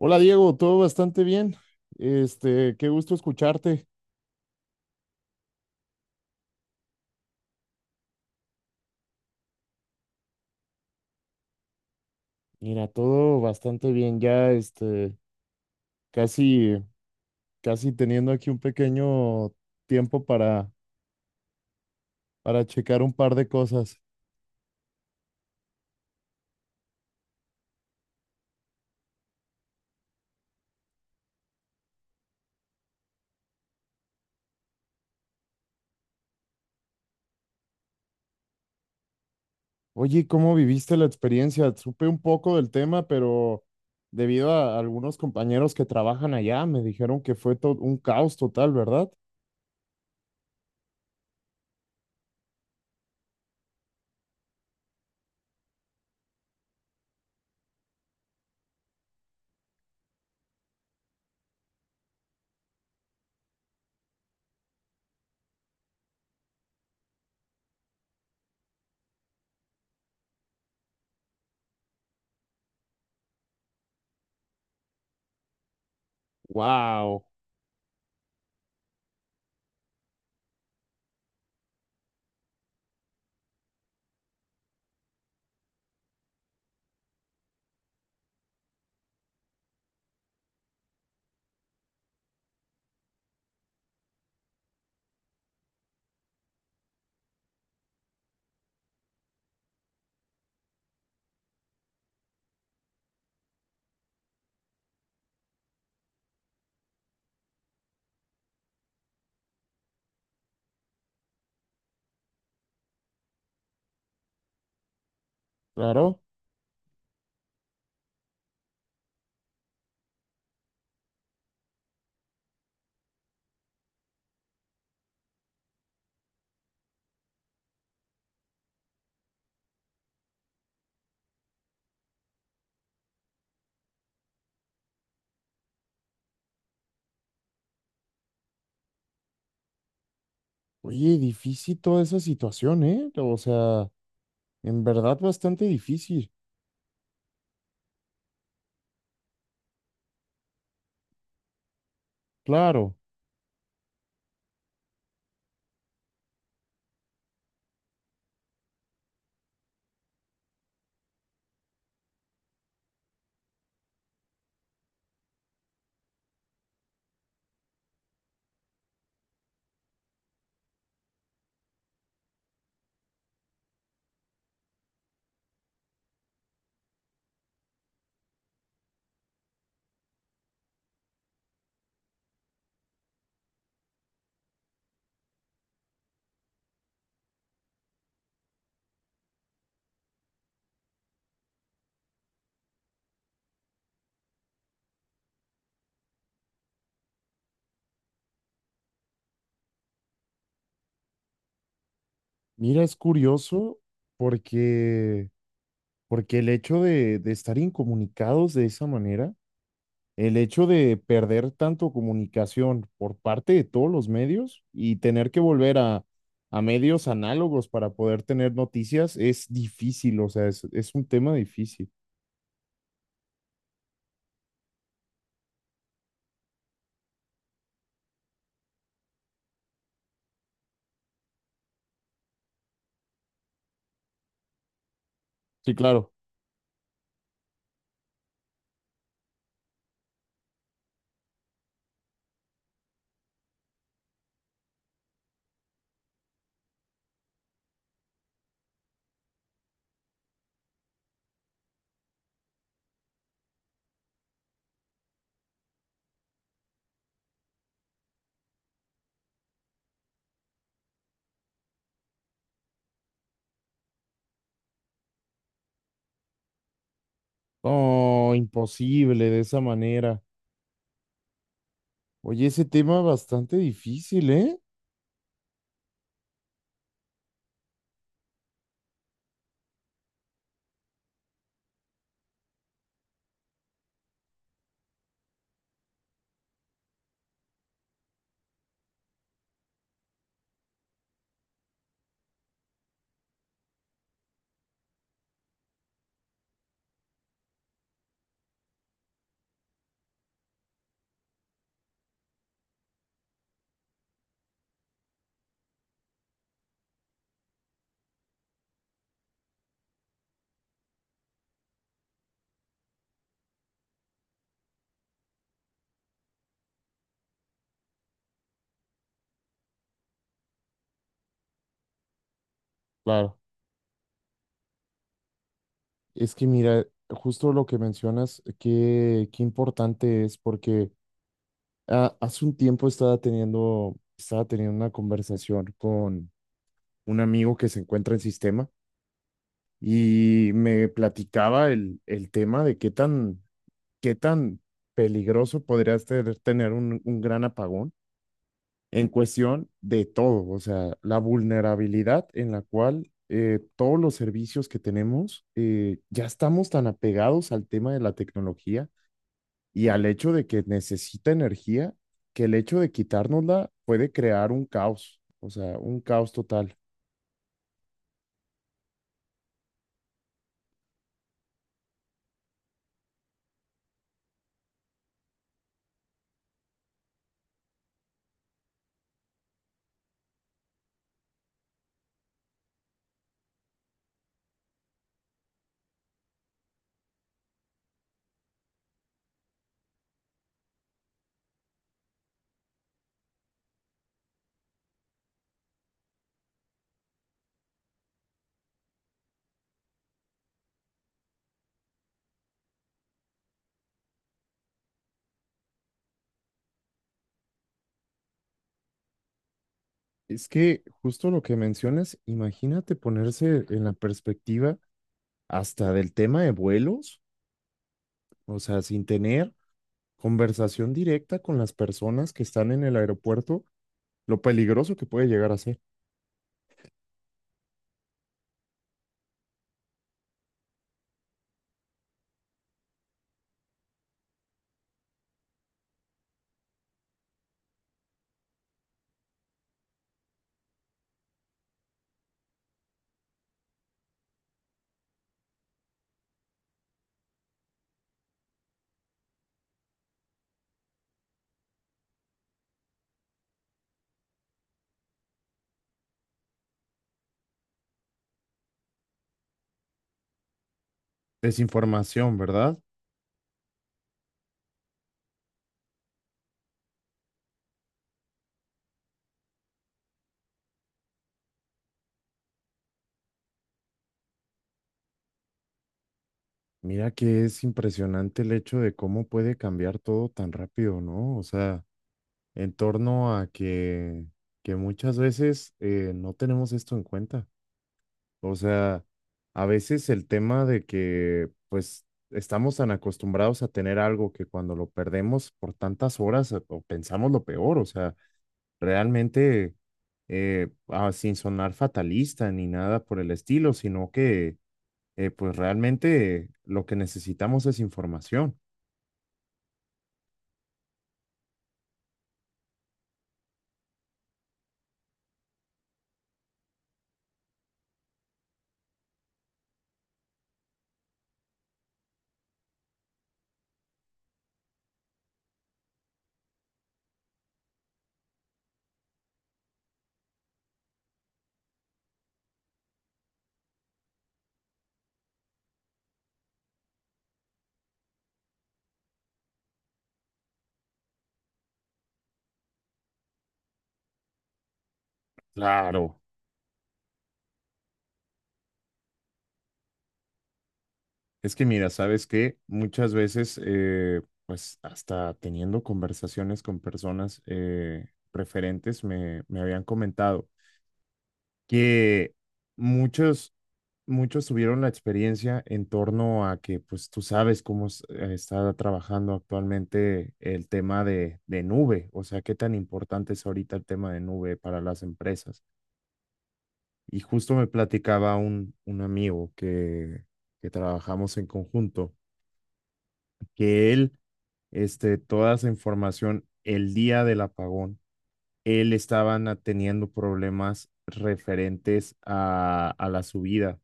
Hola Diego, todo bastante bien. Este, qué gusto escucharte. Mira, todo bastante bien. Ya, este, casi, casi teniendo aquí un pequeño tiempo para checar un par de cosas. Oye, ¿cómo viviste la experiencia? Supe un poco del tema, pero debido a algunos compañeros que trabajan allá, me dijeron que fue todo un caos total, ¿verdad? Wow, claro. Oye, difícil toda esa situación, ¿eh? O sea, en verdad bastante difícil. Claro, mira, es curioso porque, porque el hecho de estar incomunicados de esa manera, el hecho de perder tanto comunicación por parte de todos los medios y tener que volver a medios análogos para poder tener noticias es difícil, o sea, es un tema difícil. Sí, claro. Oh, imposible de esa manera. Oye, ese tema bastante difícil, ¿eh? Claro. Es que mira, justo lo que mencionas, qué importante es, porque ah, hace un tiempo estaba teniendo una conversación con un amigo que se encuentra en sistema y me platicaba el tema de qué tan peligroso podría ser tener un gran apagón en cuestión de todo, o sea, la vulnerabilidad en la cual todos los servicios que tenemos, ya estamos tan apegados al tema de la tecnología y al hecho de que necesita energía, que el hecho de quitárnosla puede crear un caos, o sea, un caos total. Es que justo lo que mencionas, imagínate ponerse en la perspectiva hasta del tema de vuelos, o sea, sin tener conversación directa con las personas que están en el aeropuerto, lo peligroso que puede llegar a ser. Desinformación, ¿verdad? Mira que es impresionante el hecho de cómo puede cambiar todo tan rápido, ¿no? O sea, en torno a que muchas veces no tenemos esto en cuenta. O sea, a veces el tema de que pues estamos tan acostumbrados a tener algo que cuando lo perdemos por tantas horas o pensamos lo peor, o sea, realmente sin sonar fatalista ni nada por el estilo, sino que pues realmente lo que necesitamos es información. Claro. Es que mira, sabes que muchas veces, pues hasta teniendo conversaciones con personas preferentes, me habían comentado que muchos, muchos tuvieron la experiencia en torno a que, pues tú sabes cómo es- está trabajando actualmente el tema de nube, o sea, qué tan importante es ahorita el tema de nube para las empresas. Y justo me platicaba un amigo que trabajamos en conjunto que este, toda esa información, el día del apagón, él estaban ah, teniendo problemas referentes a la subida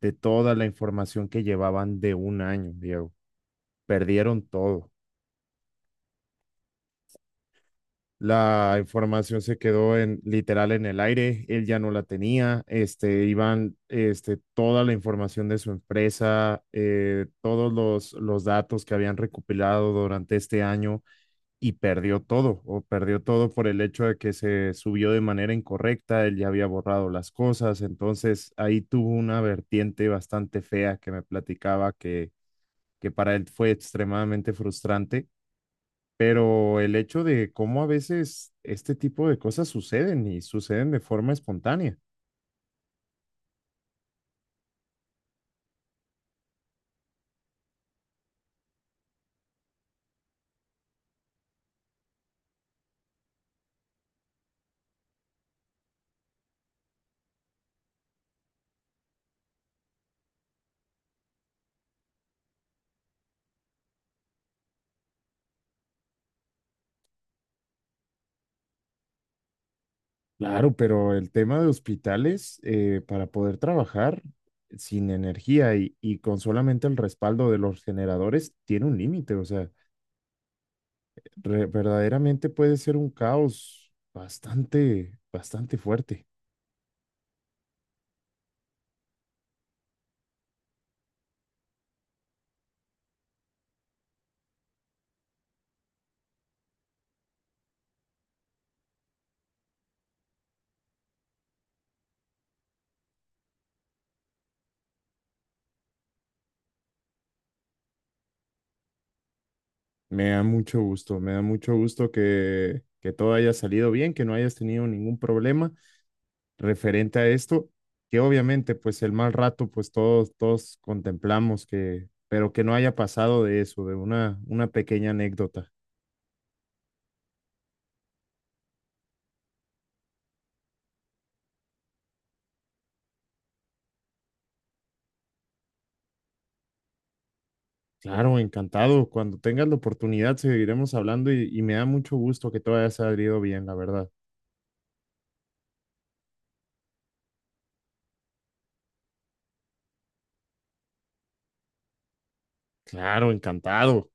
de toda la información que llevaban de un año, Diego. Perdieron todo. La información se quedó en literal en el aire, él ya no la tenía, este, iban, este, toda la información de su empresa, todos los datos que habían recopilado durante este año, y perdió todo, o perdió todo por el hecho de que se subió de manera incorrecta, él ya había borrado las cosas, entonces ahí tuvo una vertiente bastante fea que me platicaba que para él fue extremadamente frustrante, pero el hecho de cómo a veces este tipo de cosas suceden y suceden de forma espontánea. Claro, pero el tema de hospitales, para poder trabajar sin energía y con solamente el respaldo de los generadores, tiene un límite, o sea, re- verdaderamente puede ser un caos bastante, bastante fuerte. Me da mucho gusto, me da mucho gusto que todo haya salido bien, que no hayas tenido ningún problema referente a esto, que obviamente pues el mal rato pues todos, todos contemplamos que, pero que no haya pasado de eso, de una pequeña anécdota. Claro, encantado. Cuando tengas la oportunidad seguiremos hablando y me da mucho gusto que todo haya salido bien, la verdad. Claro, encantado.